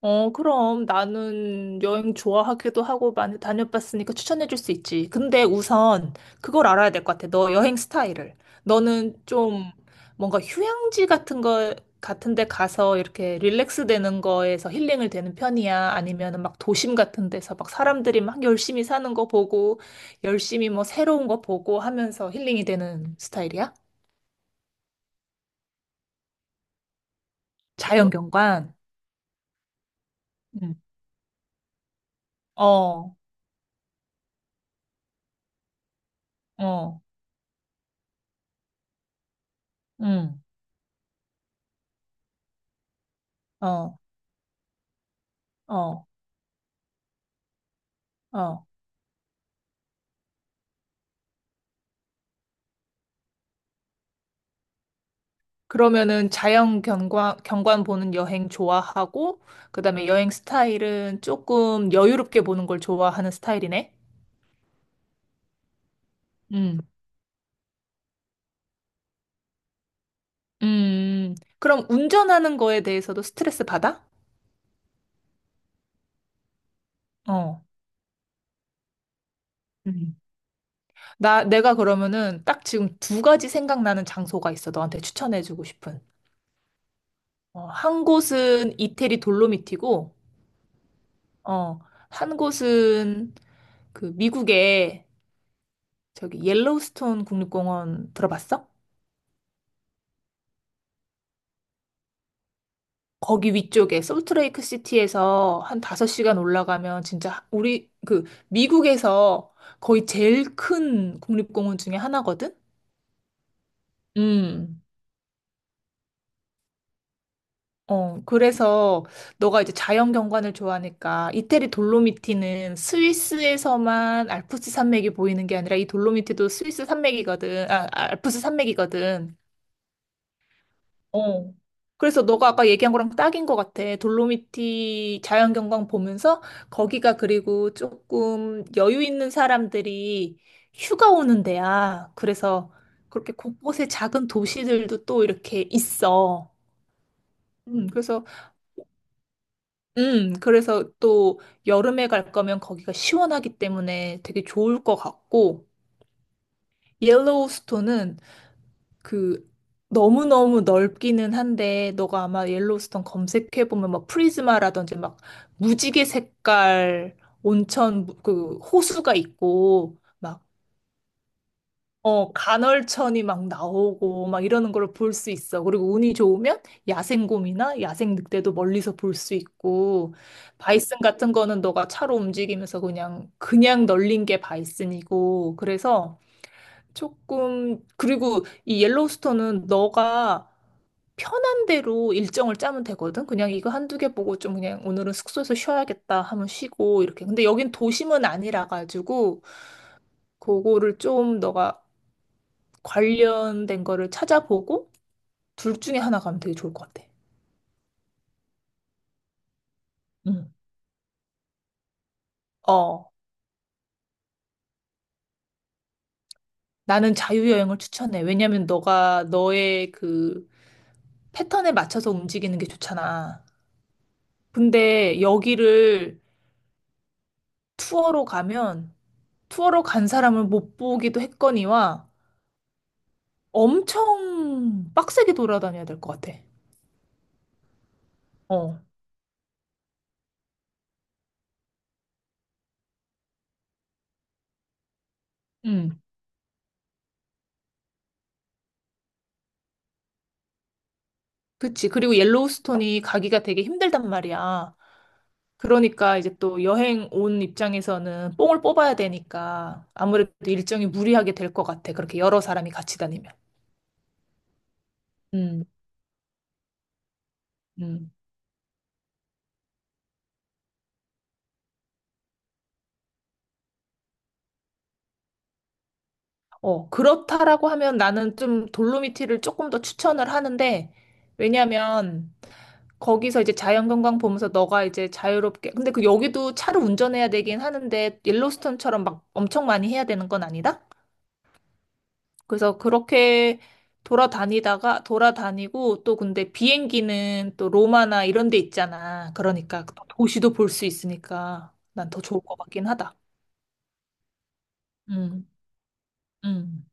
어, 그럼 나는 여행 좋아하기도 하고 많이 다녀봤으니까 추천해줄 수 있지. 근데 우선 그걸 알아야 될 것 같아. 너 여행 스타일을. 너는 좀 뭔가 휴양지 같은 데 가서 이렇게 릴렉스 되는 거에서 힐링을 되는 편이야? 아니면은 막 도심 같은 데서 막 사람들이 막 열심히 사는 거 보고, 열심히 뭐 새로운 거 보고 하면서 힐링이 되는 스타일이야? 자연 어, 경관. 응. 어, 어, 응, 어, 어, 어. 그러면은 자연 경관, 경관 보는 여행 좋아하고, 그다음에 여행 스타일은 조금 여유롭게 보는 걸 좋아하는 스타일이네. 음. 음. 그럼 운전하는 거에 대해서도 스트레스 받아? 어. 음. 내가 그러면은 딱 지금 두 가지 생각나는 장소가 있어. 너한테 추천해주고 싶은. 어, 한 곳은 이태리 돌로미티고, 어, 한 곳은 그 미국의 저기 옐로우스톤 국립공원 들어봤어? 거기 위쪽에 솔트레이크 시티에서 한 5시간 올라가면 진짜 우리 그 미국에서 거의 제일 큰 국립공원 중에 하나거든? 음. 어, 그래서 너가 이제 자연 경관을 좋아하니까 이태리 돌로미티는 스위스에서만 알프스 산맥이 보이는 게 아니라 이 돌로미티도 스위스 산맥이거든. 아, 알프스 산맥이거든. 어. 그래서 너가 아까 얘기한 거랑 딱인 것 같아. 돌로미티 자연경관 보면서 거기가 그리고 조금 여유 있는 사람들이 휴가 오는 데야. 그래서 그렇게 곳곳에 작은 도시들도 또 이렇게 있어. 그래서, 그래서 또 여름에 갈 거면 거기가 시원하기 때문에 되게 좋을 것 같고, 옐로우스톤은 그 너무너무 넓기는 한데 너가 아마 옐로우스톤 검색해 보면 막 프리즈마라든지 막 무지개 색깔 온천 그 호수가 있고 막 어, 간헐천이 막 나오고 막 이러는 걸 볼 수 있어. 그리고 운이 좋으면 야생곰이나 야생 늑대도 멀리서 볼 수 있고 바이슨 같은 거는 너가 차로 움직이면서 그냥 널린 게 바이슨이고 그래서 조금 그리고 이 옐로우스톤은 너가 편한 대로 일정을 짜면 되거든. 그냥 이거 한두 개 보고 좀 그냥 오늘은 숙소에서 쉬어야겠다 하면 쉬고 이렇게. 근데 여긴 도심은 아니라 가지고 그거를 좀 너가 관련된 거를 찾아보고 둘 중에 하나 가면 되게 좋을 것 같아. 응. 어. 나는 자유여행을 추천해. 왜냐면 너가 너의 그 패턴에 맞춰서 움직이는 게 좋잖아. 근데 여기를 투어로 가면 투어로 간 사람을 못 보기도 했거니와 엄청 빡세게 돌아다녀야 될 것 같아. 어. 음. 그치. 그리고 옐로우스톤이 가기가 되게 힘들단 말이야. 그러니까 이제 또 여행 온 입장에서는 뽕을 뽑아야 되니까 아무래도 일정이 무리하게 될 것 같아. 그렇게 여러 사람이 같이 다니면. 음, 음, 어, 그렇다라고 하면 나는 좀 돌로미티를 조금 더 추천을 하는데, 왜냐면 거기서 이제 자연경관 보면서 너가 이제 자유롭게. 근데 그 여기도 차를 운전해야 되긴 하는데 옐로스톤처럼 막 엄청 많이 해야 되는 건 아니다? 그래서 그렇게 돌아다니다가 돌아다니고 또 근데 비행기는 또 로마나 이런 데 있잖아. 그러니까 또 도시도 볼 수 있으니까 난 더 좋을 것 같긴 하다. 음, 음.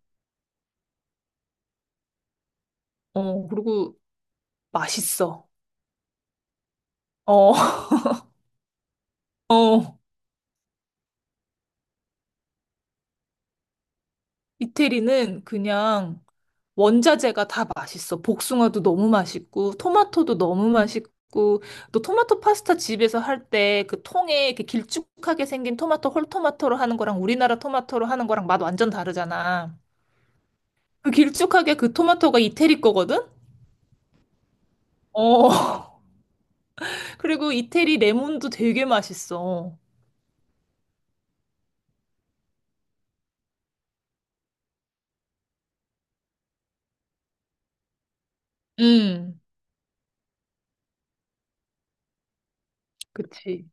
어, 그리고 맛있어. 어, 어. 이태리는 그냥 원자재가 다 맛있어. 복숭아도 너무 맛있고, 토마토도 너무 맛있고, 또 토마토 파스타 집에서 할 때 그 통에 이렇게 길쭉하게 생긴 토마토, 홀토마토로 하는 거랑 우리나라 토마토로 하는 거랑 맛 완전 다르잖아. 그 길쭉하게 그 토마토가 이태리 거거든? 어. 그리고 이태리 레몬도 되게 맛있어. 음, 그치.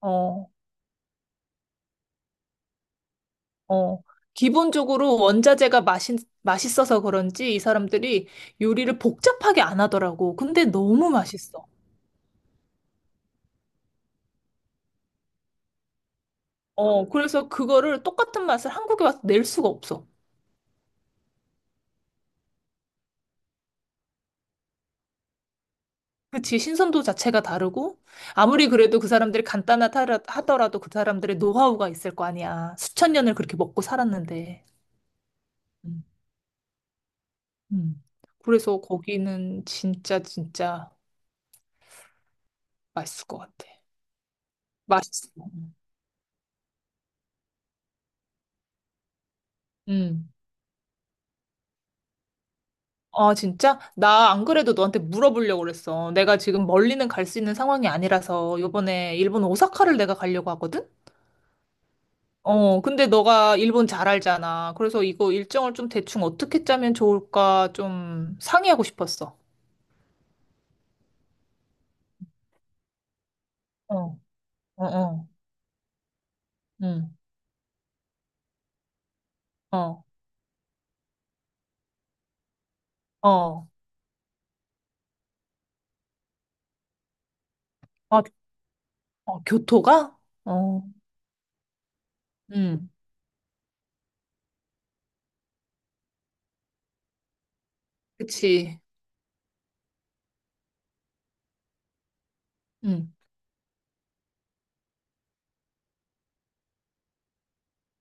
어, 어. 기본적으로 원자재가 맛있어서 그런지 이 사람들이 요리를 복잡하게 안 하더라고. 근데 너무 맛있어. 어, 그래서 그거를 똑같은 맛을 한국에 와서 낼 수가 없어. 그치, 신선도 자체가 다르고, 아무리 그래도 그 사람들이 간단하다 하더라도 그 사람들의 노하우가 있을 거 아니야. 수천 년을 그렇게 먹고 살았는데. 음. 음. 그래서 거기는 진짜, 진짜 맛있을 것 같아. 맛있어. 음. 아, 진짜? 나 안 그래도 너한테 물어보려고 그랬어. 내가 지금 멀리는 갈 수 있는 상황이 아니라서, 요번에 일본 오사카를 내가 가려고 하거든? 어, 근데 너가 일본 잘 알잖아. 그래서 이거 일정을 좀 대충 어떻게 짜면 좋을까 좀 상의하고 싶었어. 어, 어, 어, 응, 어, 어. 아, 어, 교토가? 어, 응, 그치. 응.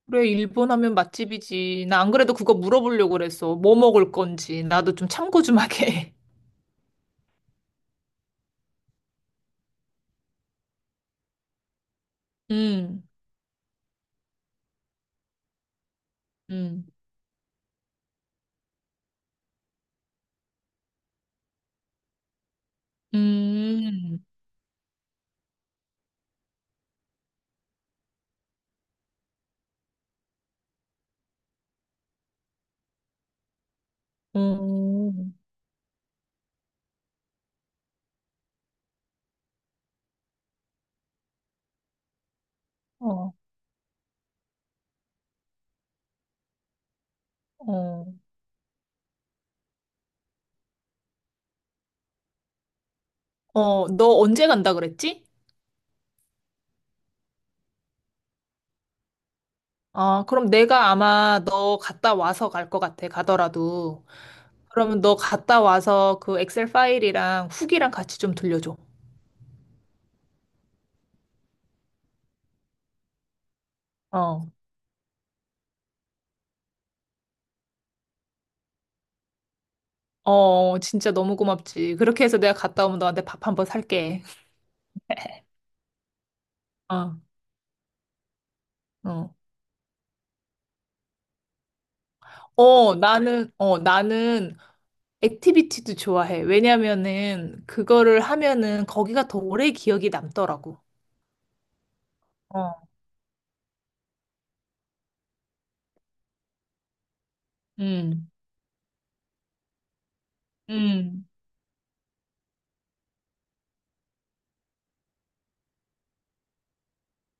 그래, 일본 하면 맛집이지. 나 안 그래도 그거 물어보려고 그랬어. 뭐 먹을 건지. 나도 좀 참고 좀 하게. 응, 응, 응, 응, 어, 어. 어, 너 언제 간다 그랬지? 아, 그럼 내가 아마 너 갔다 와서 갈 것 같아, 가더라도. 그러면 너 갔다 와서 그 엑셀 파일이랑 후기랑 같이 좀 들려줘. 어, 어, 진짜 너무 고맙지. 그렇게 해서 내가 갔다 오면 너한테 밥 한번 살게. 어, 어. 어, 나는, 어, 나는 액티비티도 좋아해. 왜냐면은 그거를 하면은 거기가 더 오래 기억이 남더라고. 어. 음, 음,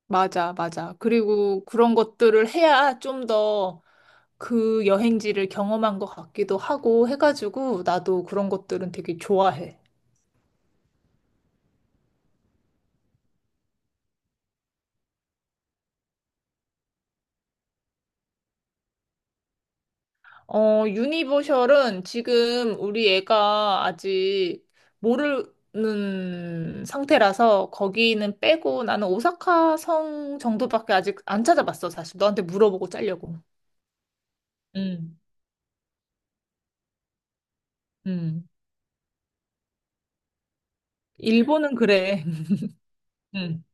맞아, 맞아. 그리고 그런 것들을 해야 좀더 그 여행지를 경험한 것 같기도 하고 해가지고 나도 그런 것들은 되게 좋아해. 어, 유니버셜은 지금 우리 애가 아직 모르는 상태라서 거기는 빼고 나는 오사카 성 정도밖에 아직 안 찾아봤어, 사실. 너한테 물어보고 짜려고. 음, 음. 일본은 그래. 음.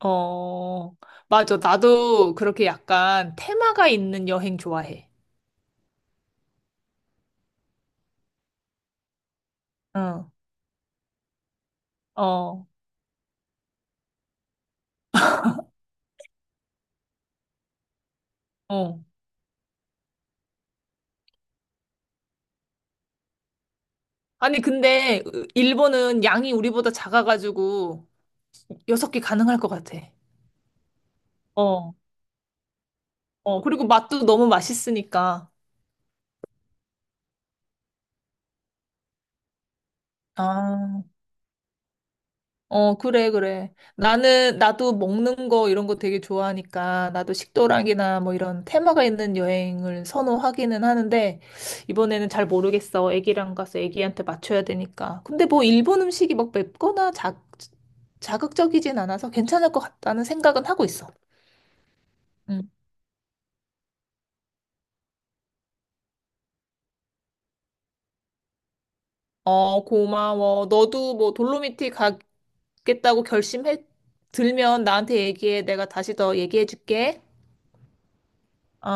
어, 맞아. 나도 그렇게 약간 테마가 있는 여행 좋아해. 어, 어, 어. 아니, 근데 일본은 양이 우리보다 작아가지고 여섯 개 가능할 것 같아. 어, 어, 그리고 맛도 너무 맛있으니까. 아, 어, 그래, 그래. 나는, 나도 먹는 거 이런 거 되게 좋아하니까 나도 식도락이나 뭐 이런 테마가 있는 여행을 선호하기는 하는데 이번에는 잘 모르겠어. 애기랑 가서 애기한테 맞춰야 되니까. 근데 뭐 일본 음식이 막 맵거나 자극적이진 않아서 괜찮을 것 같다는 생각은 하고 있어. 어, 고마워. 너도 뭐 돌로미티 가겠다고 결심해 들면 나한테 얘기해. 내가 다시 더 얘기해 줄게. 어.